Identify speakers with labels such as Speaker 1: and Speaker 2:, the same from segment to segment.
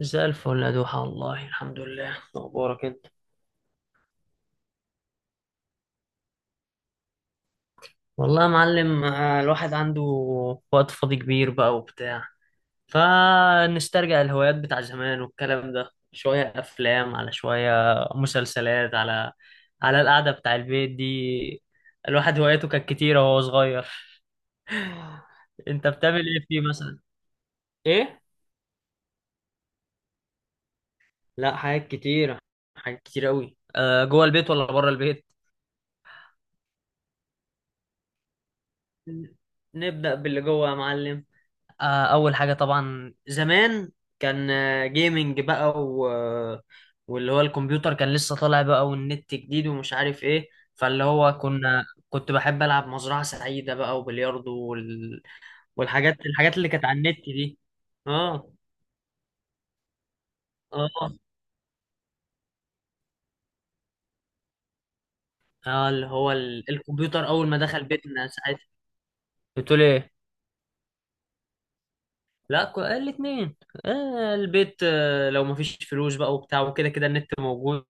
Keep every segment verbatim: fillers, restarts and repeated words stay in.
Speaker 1: زي الفل يا دوحة، والله الحمد لله. أخبارك أنت؟ والله يا معلم، آه، الواحد عنده وقت فاضي كبير بقى وبتاع. فنسترجع الهوايات بتاع زمان والكلام ده، شوية أفلام على شوية مسلسلات على على القعدة بتاع البيت دي. الواحد هواياته كانت كتيرة وهو صغير. أنت بتعمل إيه فيه مثلا؟ إيه؟ لا، حاجات كتيرة. حاجات كتير أوي. أه جوه البيت ولا بره البيت؟ نبدأ باللي جوه يا معلم. آه، اول حاجه طبعا زمان كان جيمنج بقى و... واللي هو الكمبيوتر كان لسه طالع بقى، والنت جديد ومش عارف ايه. فاللي هو كنا كنت بحب العب مزرعه سعيده بقى وبلياردو وال... والحاجات الحاجات اللي كانت على النت دي. اه. اه. اه. اللي هو ال... الكمبيوتر اول ما دخل بيتنا ساعتها. بتقول ايه؟ لا، ك- الاتنين. آه، البيت. آه لو مفيش فلوس بقى وبتاع، وكده كده النت موجود.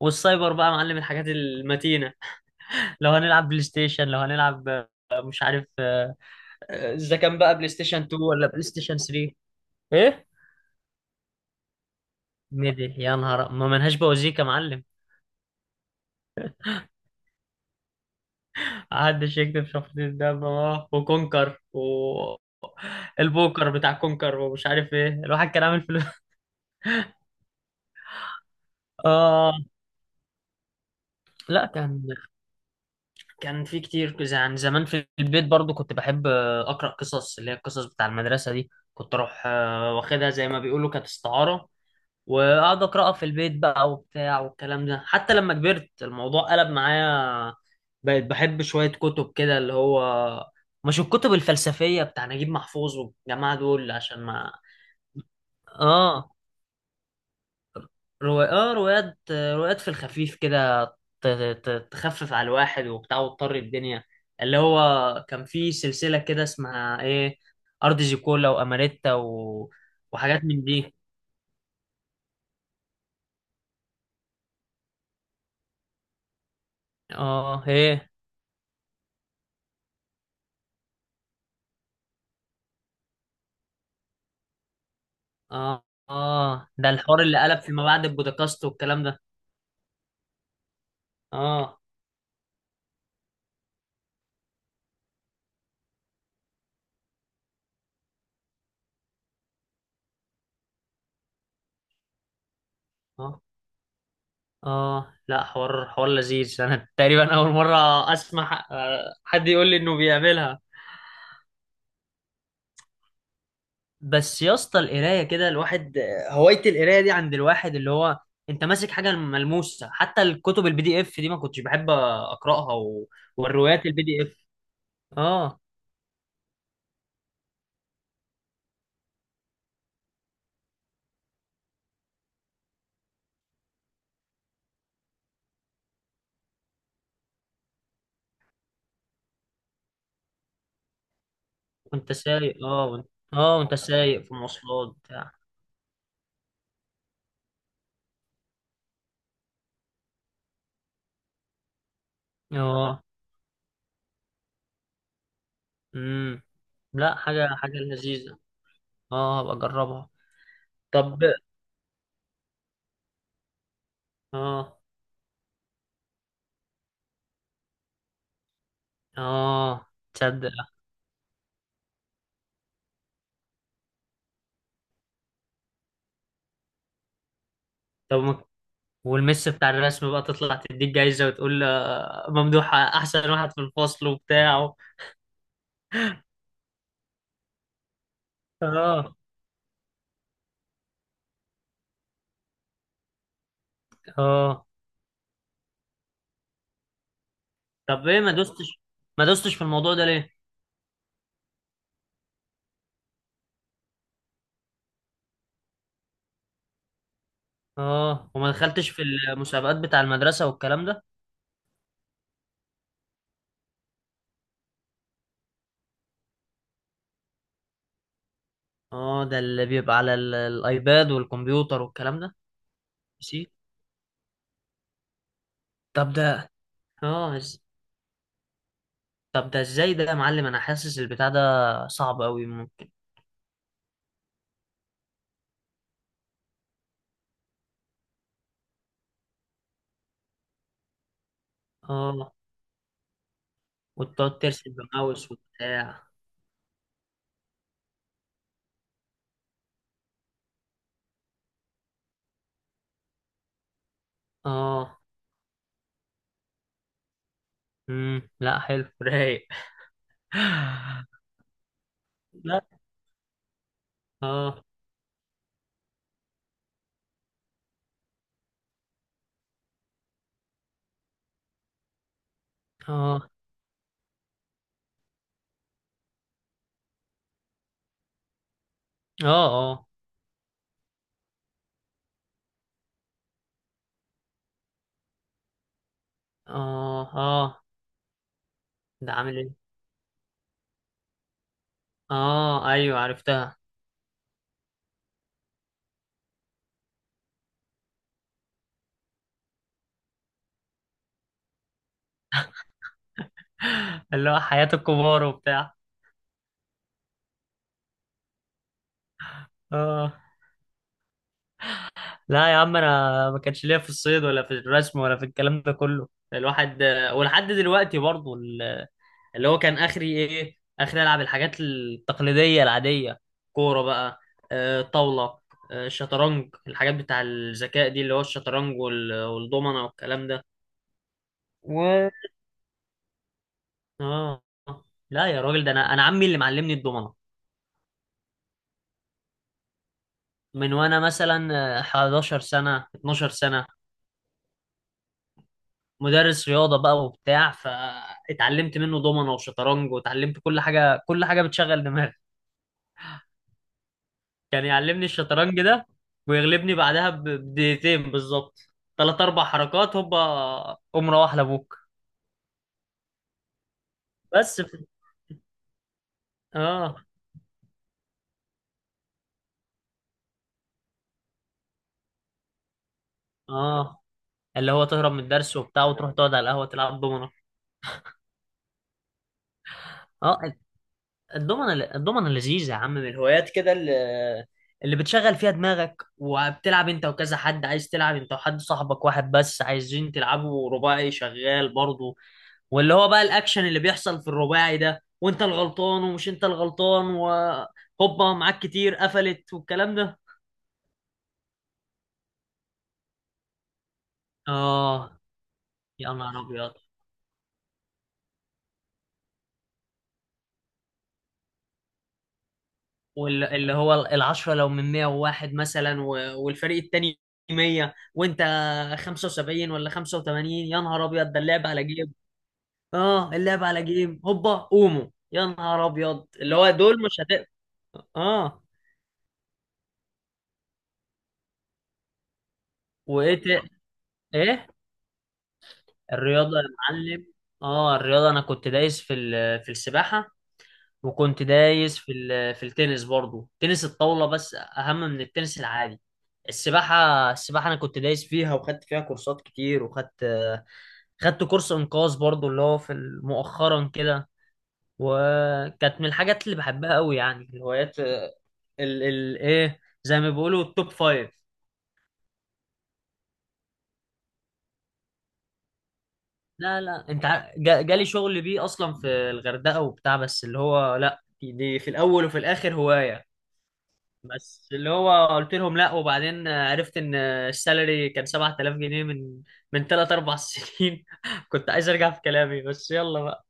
Speaker 1: والسايبر بقى معلم الحاجات المتينة. لو هنلعب بلاي ستيشن، لو هنلعب، آه، مش عارف، آه، آه، اذا كان بقى بلاي ستيشن تنين ولا بلاي ستيشن تلاتة. ايه. ميدي يا نهار ما منهاش بوازيك يا معلم. محدش يكتب شخصية ده بابا. وكونكر و البوكر بتاع كونكر ومش عارف ايه. الواحد كان عامل فلوس. اه. لا، كان كان في كتير كذا. يعني زمان في البيت برضو كنت بحب، آه، اقرا قصص اللي هي القصص بتاع المدرسه دي. كنت اروح آه، واخدها زي ما بيقولوا، كانت استعاره. وقعد اقراها في البيت بقى وبتاع والكلام ده. حتى لما كبرت الموضوع قلب معايا، بقيت بحب شويه كتب كده، اللي هو مش الكتب الفلسفيه بتاع نجيب محفوظ والجماعه دول عشان ما. اه روايات. اه روايات روايات في الخفيف كده. ت- ت- تخفف على الواحد وبتاع، وتطر الدنيا. اللي هو كان في سلسله كده اسمها ايه، ارض زيكولا واماريتا و... وحاجات من دي. اه هي. اه. اه. ده الحوار اللي قلب فيما بعد البودكاست والكلام ده. اه. اه. اه. لا، حوار حوار لذيذ. انا تقريبا اول مره اسمع آه، حد يقول لي انه بيعملها. بس يا اسطى، القرايه كده الواحد، هوايه القرايه دي عند الواحد، اللي هو انت ماسك حاجه ملموسه. حتى الكتب البي دي اف دي ما كنتش بحب اقراها و... والروايات البي دي اف. اه وانت سايق. اه وانت اه وانت سايق في مواصلات بتاع. اه امم لا، حاجه حاجه لذيذه. اه، ابقى اجربها. طب. اه اه تصدق. طب ما- والمس بتاع الرسم بقى تطلع تديك جايزة وتقول، آه، ممدوح احسن واحد في الفصل وبتاع. اه. اه. طب ايه ما دوستش. ما دوستش في الموضوع ده ليه. اه، وما دخلتش في المسابقات بتاع المدرسة والكلام ده. اه، ده اللي بيبقى على ال- الايباد والكمبيوتر والكلام ده. ماشي. طب ده. اه إز- طب ده ازاي ده يا معلم؟ انا حاسس البتاع ده صعب قوي ممكن. اه، وتقعد ترسم بماوس وبتاع. اه امم لا حلو. رايق. لا. اه. اه. اه. اه. اه. اه. ده عامل ايه. اه ايوه عرفتها. اللي هو حياة الكبار وبتاع. اه. لا يا عم، انا ما كانش ليا في الصيد ولا في الرسم ولا في الكلام ده كله. الواحد ولحد دلوقتي برضه، اللي هو كان اخري ايه، اخري العب الحاجات التقليديه العاديه. كوره بقى، آه، طاوله، آه، شطرنج، الحاجات بتاع الذكاء دي اللي هو الشطرنج وال- والضمنه والكلام ده. و اه لا يا راجل، ده انا انا عمي اللي معلمني الضمنه. من وانا مثلا آه، احداشر سنة سنه اثنا عشر سنة سنه. مدرس رياضه بقى وبتاع، فاتعلمت منه ضمنه وشطرنج، واتعلمت كل حاجه كل حاجه بتشغل دماغك. كان يعلمني الشطرنج ده، ويغلبني بعدها ب- بدقيقتين بالظبط. ثلاث اربع حركات هوبا، قوم روح لابوك. بس في... اه. اه، اللي هو تهرب من الدرس وبتاع وتروح تقعد على القهوه تلعب دومنه. اه. الدومنه الدومنه لذيذه يا عم، من الهوايات كده اللي اللي بتشغل فيها دماغك. وبتلعب انت وكذا حد. عايز تلعب انت وحد صاحبك واحد بس، عايزين تلعبوا رباعي شغال برضه. واللي هو بقى الاكشن اللي بيحصل في الرباعي ده، وانت الغلطان ومش انت الغلطان، وهوبا معاك كتير قفلت والكلام ده. اه. يا نهار ابيض. واللي هو العشرة لو من مية وواحد مثلا، و- والفريق التاني مية وانت خمسة وسبعين ولا خمسة وتمانين. يا نهار ابيض ده اللعب على جيم. اه، اللعب على جيم هوبا قوموا. يا نهار ابيض اللي هو دول مش هتقدر. اه. وايه ت... ايه؟ الرياضة يا معلم. اه، الرياضة انا كنت دايس في ال... في السباحة، وكنت دايس في ال- في التنس برضو. تنس الطاولة بس أهم من التنس العادي. السباحة. السباحة أنا كنت دايس فيها، وخدت فيها كورسات كتير، وخدت خدت كورس إنقاذ برضو اللي هو في ال- مؤخرا كده. وكانت من الحاجات اللي بحبها قوي. يعني الهوايات ال ال إيه، زي ما بيقولوا التوب فايف. لا لا، أنت ع- جا- جالي شغل بيه أصلا في الغردقة وبتاع. بس اللي هو لا، دي دي في الأول وفي الآخر هواية. بس اللي هو قلت لهم لا. وبعدين آه، عرفت ان، آه، السالري كان سبعة آلاف جنيه من من ثلاثة أربعة سنين. كنت عايز ارجع في كلامي بس يلا بقى.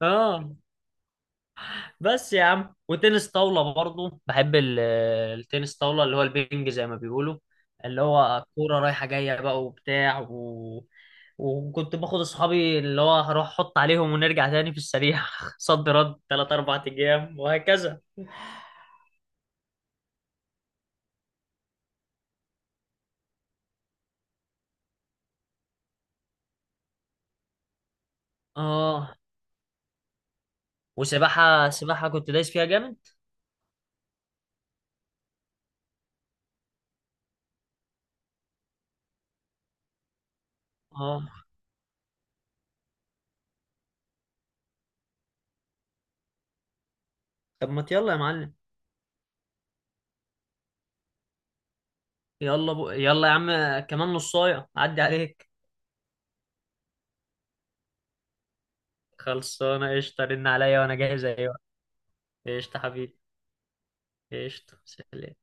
Speaker 1: اه. بس يا عم، وتنس طاولة برضو بحب ال- التنس طاولة اللي هو البينج زي ما بيقولوا، اللي هو كورة رايحة جاية بقى وبتاع و... وكنت باخد اصحابي. اللي هو هروح احط عليهم ونرجع تاني في السريع. صد رد ثلاثة أربعة ايام وهكذا. اه، وسباحة. سباحة كنت دايس فيها جامد. اه. طب ما يلا يا معلم. يلا بو... يلا يا عم، كمان نصايه عدي عليك. خلصانه قشطه، رن عليا وانا جاهز. ايوه قشطه حبيبي. قشطه. سلام.